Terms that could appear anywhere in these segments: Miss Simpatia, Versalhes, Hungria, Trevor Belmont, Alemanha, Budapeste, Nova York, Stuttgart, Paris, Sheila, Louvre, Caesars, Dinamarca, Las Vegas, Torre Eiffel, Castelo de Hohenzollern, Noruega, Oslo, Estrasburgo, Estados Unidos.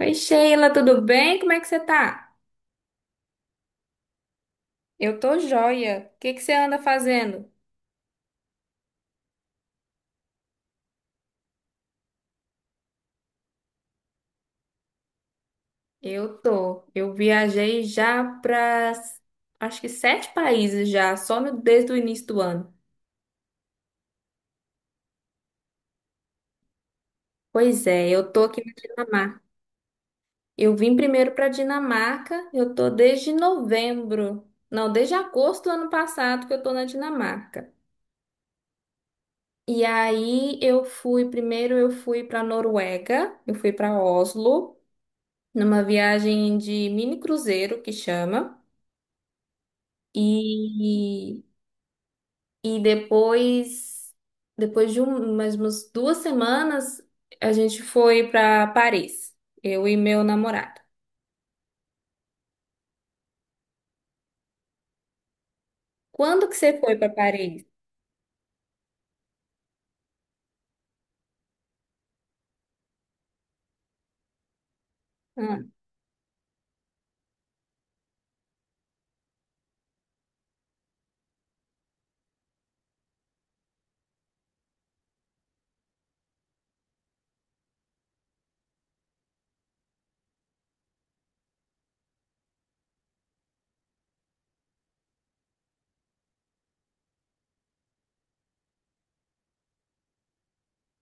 Oi, Sheila, tudo bem? Como é que você tá? Eu tô joia. O que que você anda fazendo? Eu tô. Eu viajei já para acho que sete países já, só desde o início do ano. Pois é, eu tô aqui na Dinamarca. Eu vim primeiro para Dinamarca, eu tô desde novembro. Não, desde agosto do ano passado que eu tô na Dinamarca. E aí eu fui, primeiro eu fui para Noruega, eu fui para Oslo, numa viagem de mini cruzeiro que chama. E, e depois mais umas 2 semanas, a gente foi para Paris, eu e meu namorado. Quando que você foi para Paris? Ah,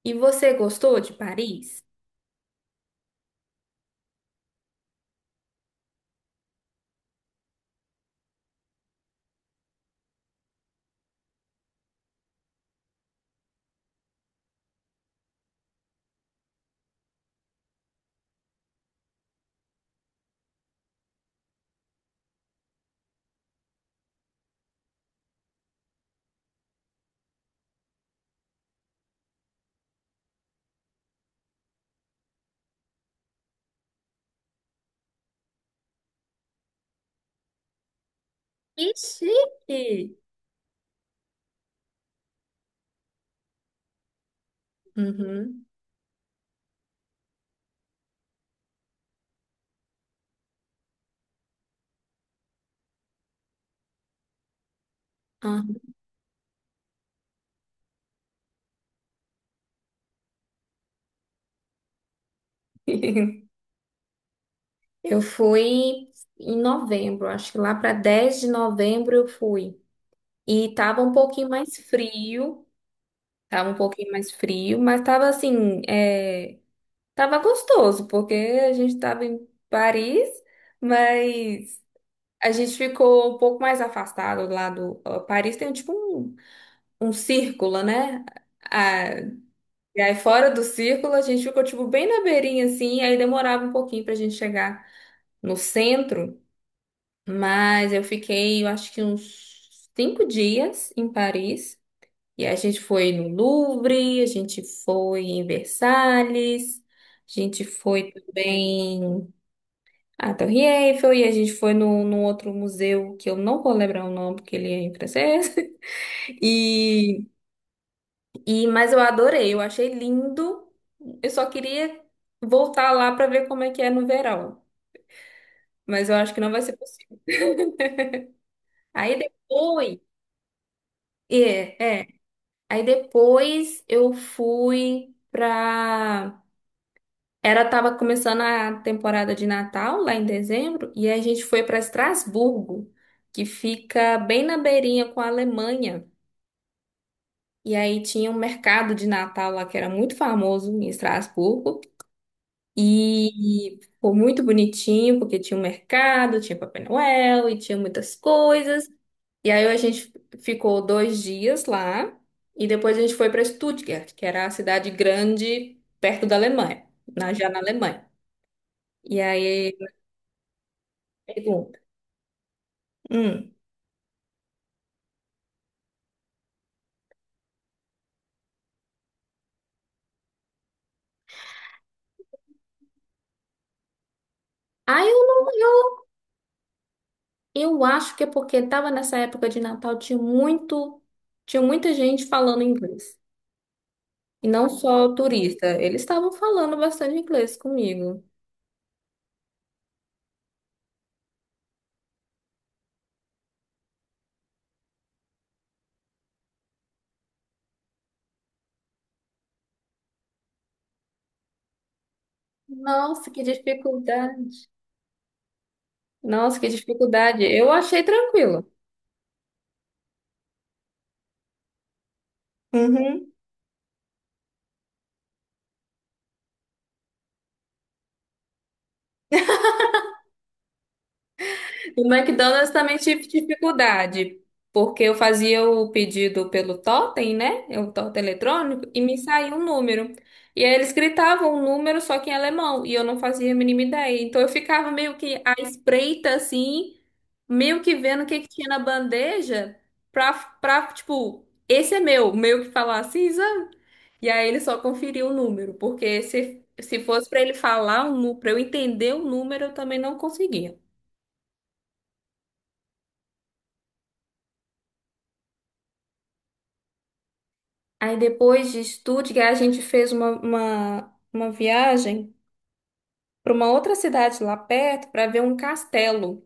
e você gostou de Paris? Que chique! Uhum. Ah. Eu fui em novembro, acho que lá para 10 de novembro eu fui. E tava um pouquinho mais frio, mas tava assim, tava gostoso, porque a gente tava em Paris, mas a gente ficou um pouco mais afastado lá do. Ó, Paris tem tipo um círculo, né? Ah, e aí fora do círculo a gente ficou tipo bem na beirinha assim, e aí demorava um pouquinho pra gente chegar no centro, mas eu fiquei, eu acho que uns 5 dias em Paris. E a gente foi no Louvre, a gente foi em Versalhes, a gente foi também a Torre Eiffel, e a gente foi num outro museu que eu não vou lembrar o nome, porque ele é em francês. E, e, mas eu adorei, eu achei lindo. Eu só queria voltar lá para ver como é que é no verão, mas eu acho que não vai ser possível. Aí depois, é, é. Aí depois eu fui pra. Era, tava começando a temporada de Natal, lá em dezembro, e a gente foi para Estrasburgo, que fica bem na beirinha com a Alemanha. E aí tinha um mercado de Natal lá que era muito famoso em Estrasburgo. E foi muito bonitinho, porque tinha um mercado, tinha Papai Noel e tinha muitas coisas. E aí a gente ficou 2 dias lá. E depois a gente foi para Stuttgart, que era a cidade grande perto da Alemanha, na, já na Alemanha. E aí, pergunta. Hum. Aí eu, eu acho que é porque estava nessa época de Natal, tinha muita gente falando inglês. E não só o turista, eles estavam falando bastante inglês comigo. Nossa, que dificuldade. Nossa, que dificuldade. Eu achei tranquilo. Uhum. O McDonald's também tive dificuldade, porque eu fazia o pedido pelo totem, né? O totem eletrônico, e me saía um número. E aí eles gritavam um número só que em alemão, e eu não fazia a mínima ideia. Então eu ficava meio que à espreita, assim, meio que vendo o que que tinha na bandeja, pra, pra, tipo, esse é meu, meio que falar assim, sabe? E aí ele só conferiu o número, porque se fosse pra ele falar, pra eu entender o número, eu também não conseguia. Aí depois de Stuttgart, a gente fez uma viagem para uma outra cidade lá perto para ver um castelo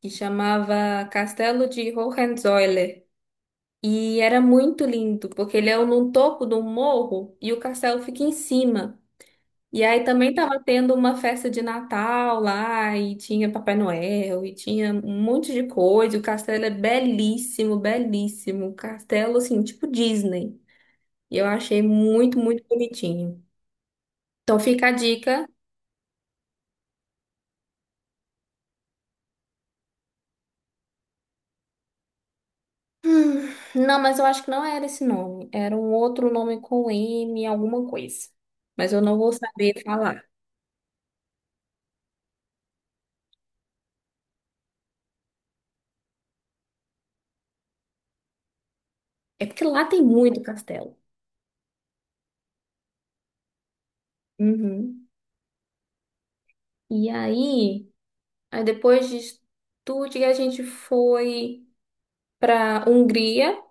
que chamava Castelo de Hohenzollern. E era muito lindo, porque ele é no topo do morro e o castelo fica em cima. E aí também estava tendo uma festa de Natal lá, e tinha Papai Noel, e tinha um monte de coisa. O castelo é belíssimo, belíssimo. Castelo, assim, tipo Disney. E eu achei muito, muito bonitinho. Então fica a dica. Hum, não, mas eu acho que não era esse nome. Era um outro nome com M, alguma coisa. Mas eu não vou saber falar. É porque lá tem muito castelo. Uhum. E aí, aí depois de Estúdio, a gente foi para Hungria,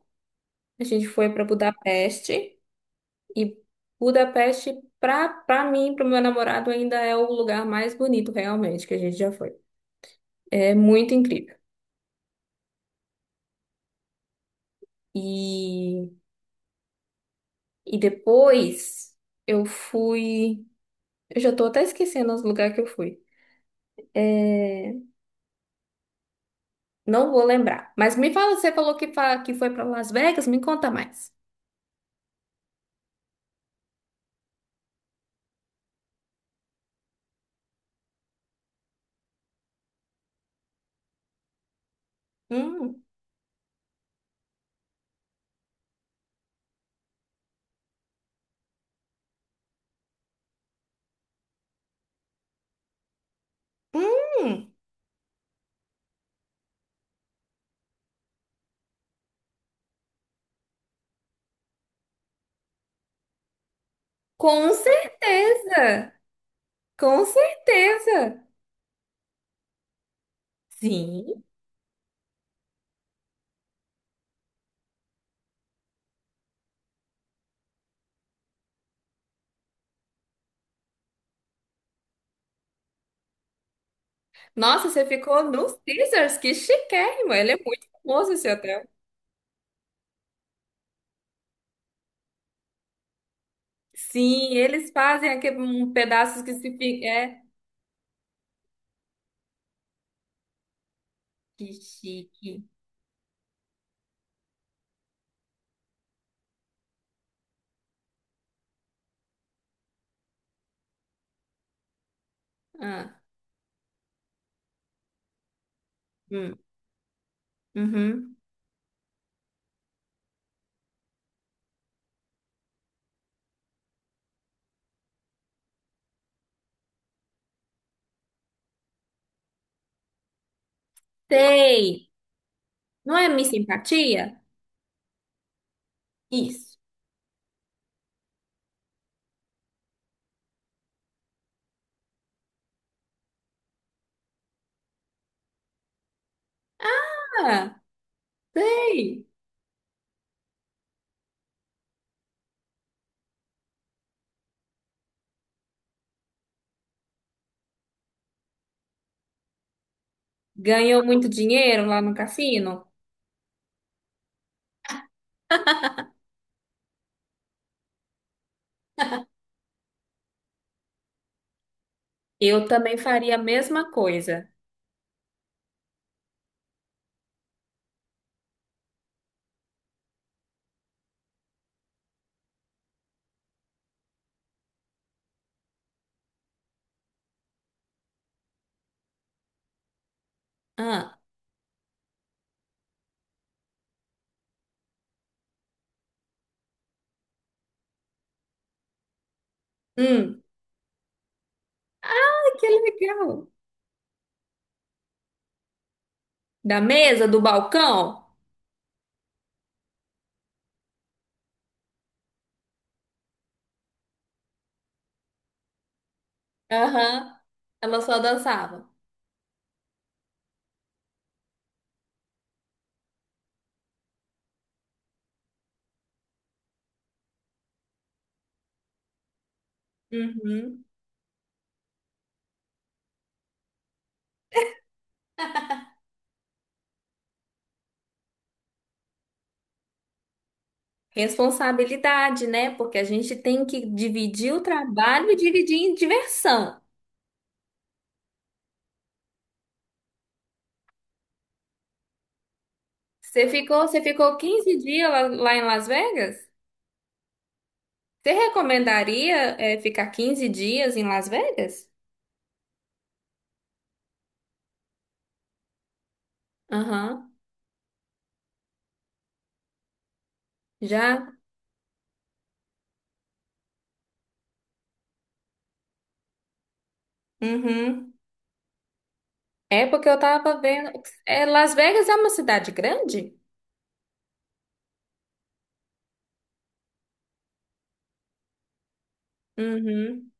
a gente foi para Budapeste. E Budapeste, pra mim, para meu namorado, ainda é o lugar mais bonito, realmente, que a gente já foi. É muito incrível. E E depois eu fui. Eu já tô até esquecendo os lugares que eu fui. É, não vou lembrar. Mas me fala, você falou que, que foi para Las Vegas, me conta mais. Hum, hum, com certeza! Com certeza! Sim. Nossa, você ficou no Caesars, que chiquérrimo! Ele é muito famoso esse hotel. Sim, eles fazem aquele um pedaço que se fica. É, que chique. Ah, hum, uhum. Sei! Não é Miss Simpatia? Isso. Ah, sei. Ganhou muito dinheiro lá no cassino? Eu também faria a mesma coisa. Ah, hum. Ah, que legal. Da mesa, do balcão? Aham. Ela só dançava. Uhum. Responsabilidade, né? Porque a gente tem que dividir o trabalho e dividir em diversão. Você ficou 15 dias lá, lá em Las Vegas? Você recomendaria, ficar 15 dias em Las Vegas? Aham. Já? Uhum. É porque eu tava vendo. É, Las Vegas é uma cidade grande? Uhum.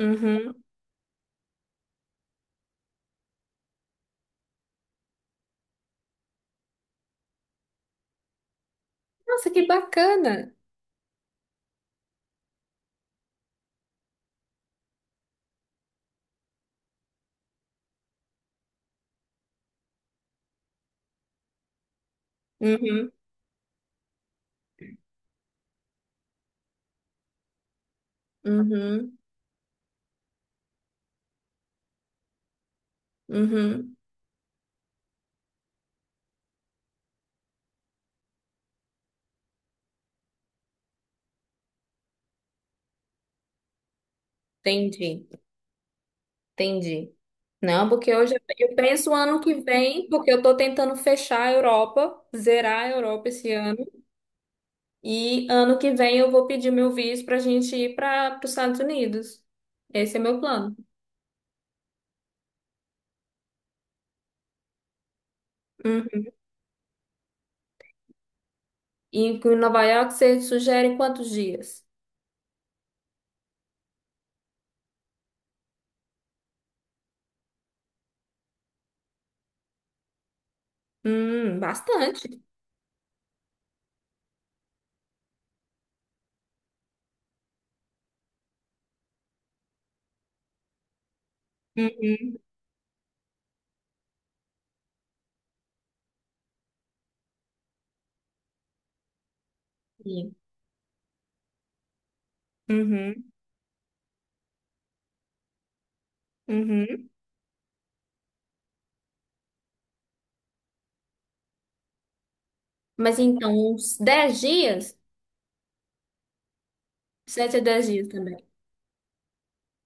Uhum. Nossa, que bacana. Uhum. Uhum. Uhum. Entendi. Entendi. Não, porque hoje eu penso o ano que vem, porque eu tô tentando fechar a Europa, zerar a Europa esse ano. E ano que vem eu vou pedir meu visto pra gente ir para os Estados Unidos. Esse é meu plano. Uhum. E em Nova York você sugere quantos dias? Bastante. Uhum. Uhum. Uhum. Mas então, uns 10 dias? 7 a 10 dias também.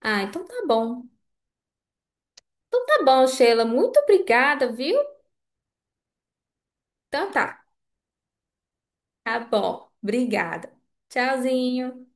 Ah, então tá bom. Então tá bom, Sheila. Muito obrigada, viu? Então tá. Tá bom. Obrigada. Tchauzinho.